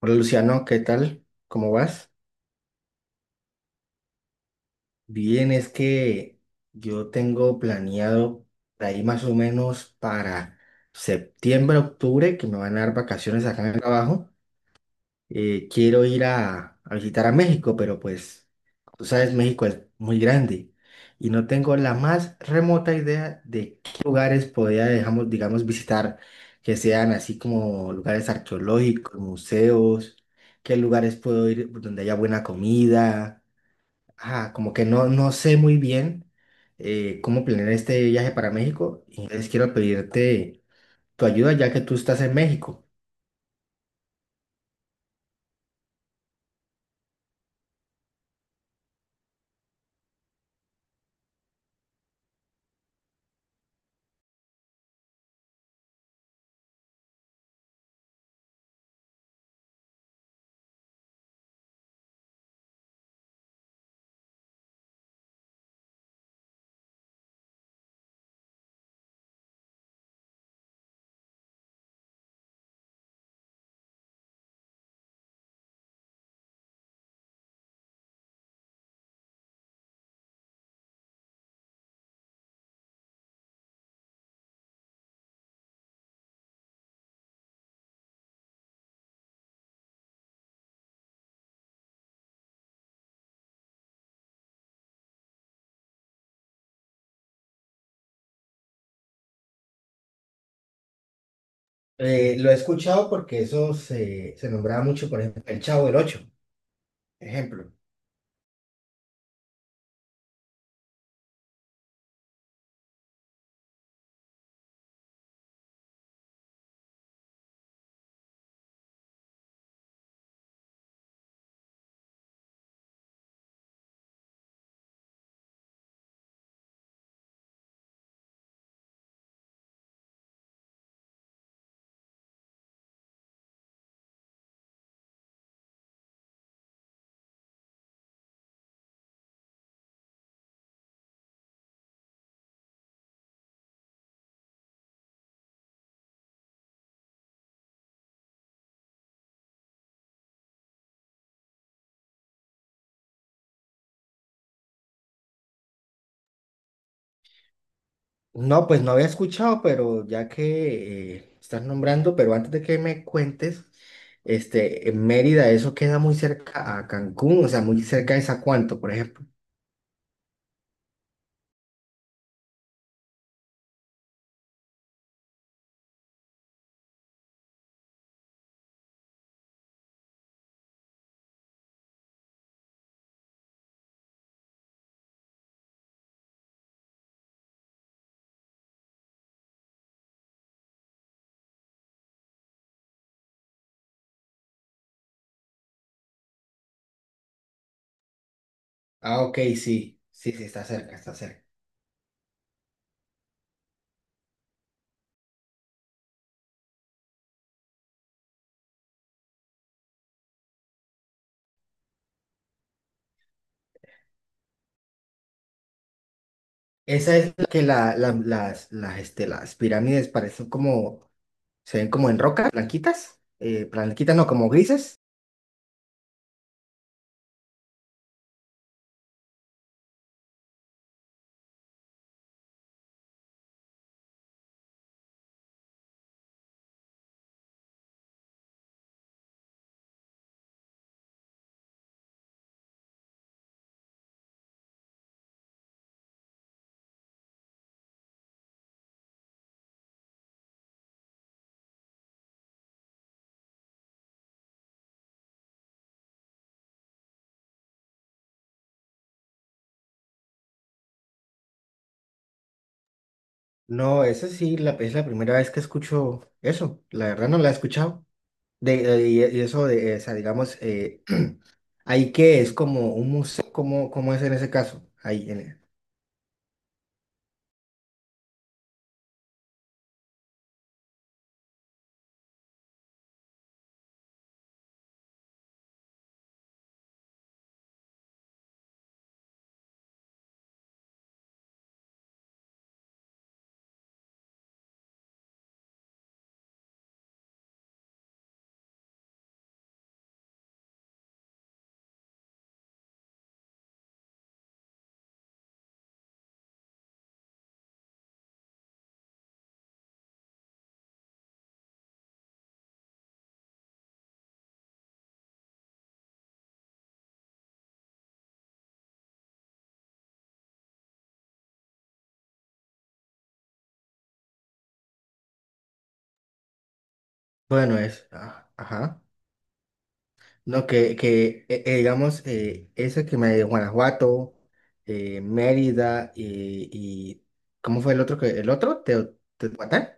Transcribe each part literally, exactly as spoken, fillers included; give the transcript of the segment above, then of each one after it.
Hola Luciano, ¿qué tal? ¿Cómo vas? Bien, es que yo tengo planeado de ahí más o menos para septiembre, octubre, que me van a dar vacaciones acá en el trabajo. Eh, quiero ir a, a visitar a México, pero pues, tú sabes, México es muy grande y no tengo la más remota idea de qué lugares podría, dejamos, digamos, visitar, que sean así como lugares arqueológicos, museos, qué lugares puedo ir donde haya buena comida. Ah, como que no, no sé muy bien eh, cómo planear este viaje para México, y entonces quiero pedirte tu ayuda ya que tú estás en México. Eh, lo he escuchado porque eso se, se nombraba mucho, por ejemplo, el Chavo del Ocho, ejemplo. No, pues no había escuchado, pero ya que eh, estás nombrando, pero antes de que me cuentes, este, en Mérida, eso queda muy cerca a Cancún, o sea, muy cerca de Zacuanto, por ejemplo. Ah, ok, sí, sí, sí, está cerca, está cerca. Esa es la que la, la- las, las, este, las pirámides parecen como, se ven como en roca, blanquitas, eh, blanquitas no, como grises. No, esa sí la, es la primera vez que escucho eso. La verdad no la he escuchado. De, eh, y, y eso de, o sea, digamos, eh, ahí que es como un museo, ¿cómo, cómo es en ese caso? Ahí, en- bueno, es, ah, ajá. No, que, que eh, eh, digamos, eh, ese que me de Guanajuato, eh, Mérida y y, ¿cómo fue el otro que, el otro? Teo- Teotihuacán.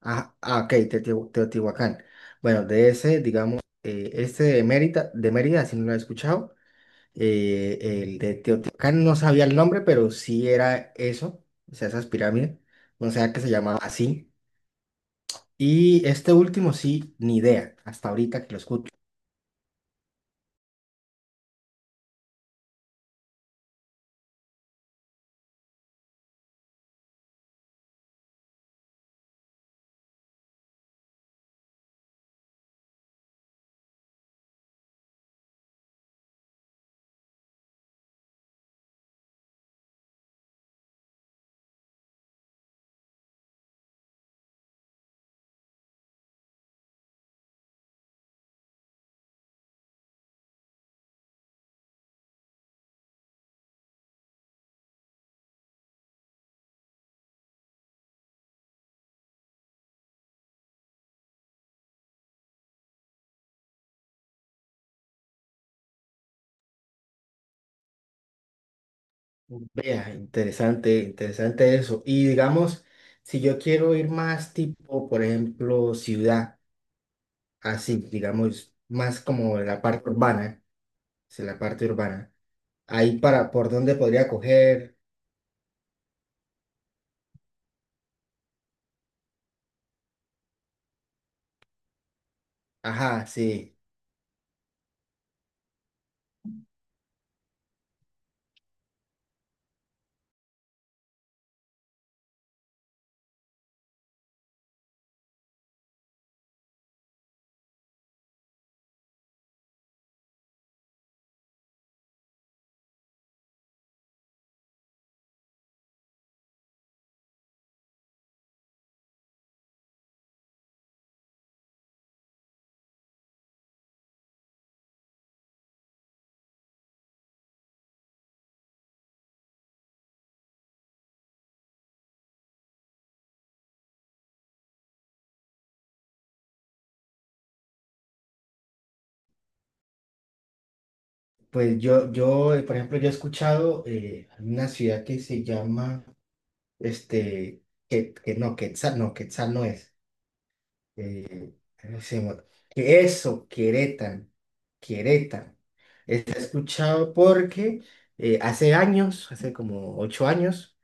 Ah, ah, ok, Teotihu- Teotihuacán. Bueno, de ese, digamos, eh, este de Mérida, de Mérida, si no lo he escuchado, eh, el de Teotihuacán no sabía el nombre, pero sí era eso, o sea, esas pirámides, no sé que se llamaba así. Y este último sí, ni idea, hasta ahorita que lo escucho. Vea, interesante, interesante eso. Y digamos, si yo quiero ir más tipo, por ejemplo, ciudad, así, digamos, más como la parte urbana. Es la parte urbana. Ahí para, ¿por dónde podría coger? Ajá, sí. Pues yo, yo, eh, por ejemplo, yo he escuchado eh, una ciudad que se llama, este, que, que no, Quetzal, no, Quetzal no es. Eh, ¿Cómo se llama? Que eso, Querétaro, Querétaro. Es- He escuchado porque eh, hace años, hace como ocho años,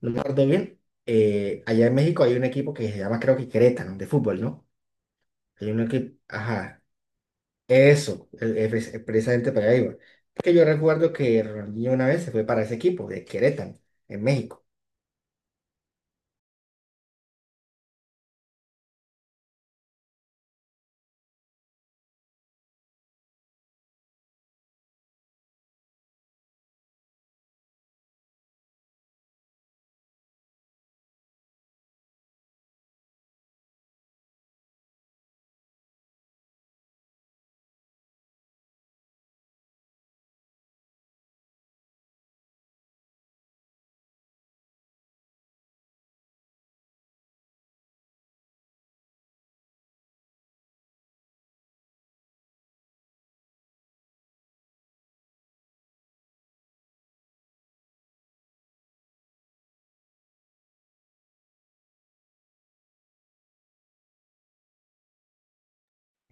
no me acuerdo bien, eh, allá en México hay un equipo que se llama, creo que Querétaro, de fútbol, ¿no? Hay un equipo, ajá. Eso, el- el- es precisamente para ahí va. Porque yo recuerdo que Ronaldinho una vez se fue para ese equipo de Querétaro, en México.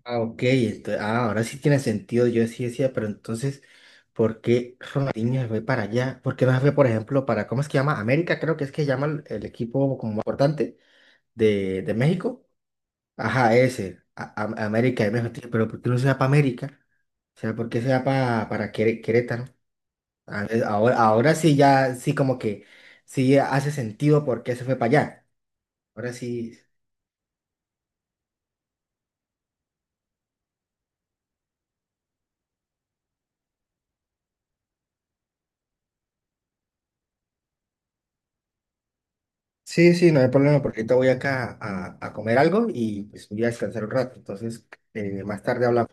Ah, ok, ento- ah, ahora sí tiene sentido. Yo sí decía, pero entonces, ¿por qué Ronaldinho se fue para allá? ¿Por qué no se fue, por ejemplo, para, ¿cómo es que llama? América, creo que es que llama el, el equipo como importante de, de México. Ajá, ese, a- a- América de México. Pero ¿por qué no se va para América? O sea, ¿por qué se va para, para Quere- Querétaro? A ver, ahora, ahora sí ya, sí como que sí hace sentido por qué se fue para allá. Ahora sí, sí, sí, no hay problema porque ahorita voy acá a, a comer algo y pues voy a descansar un rato. Entonces, eh, más tarde hablamos.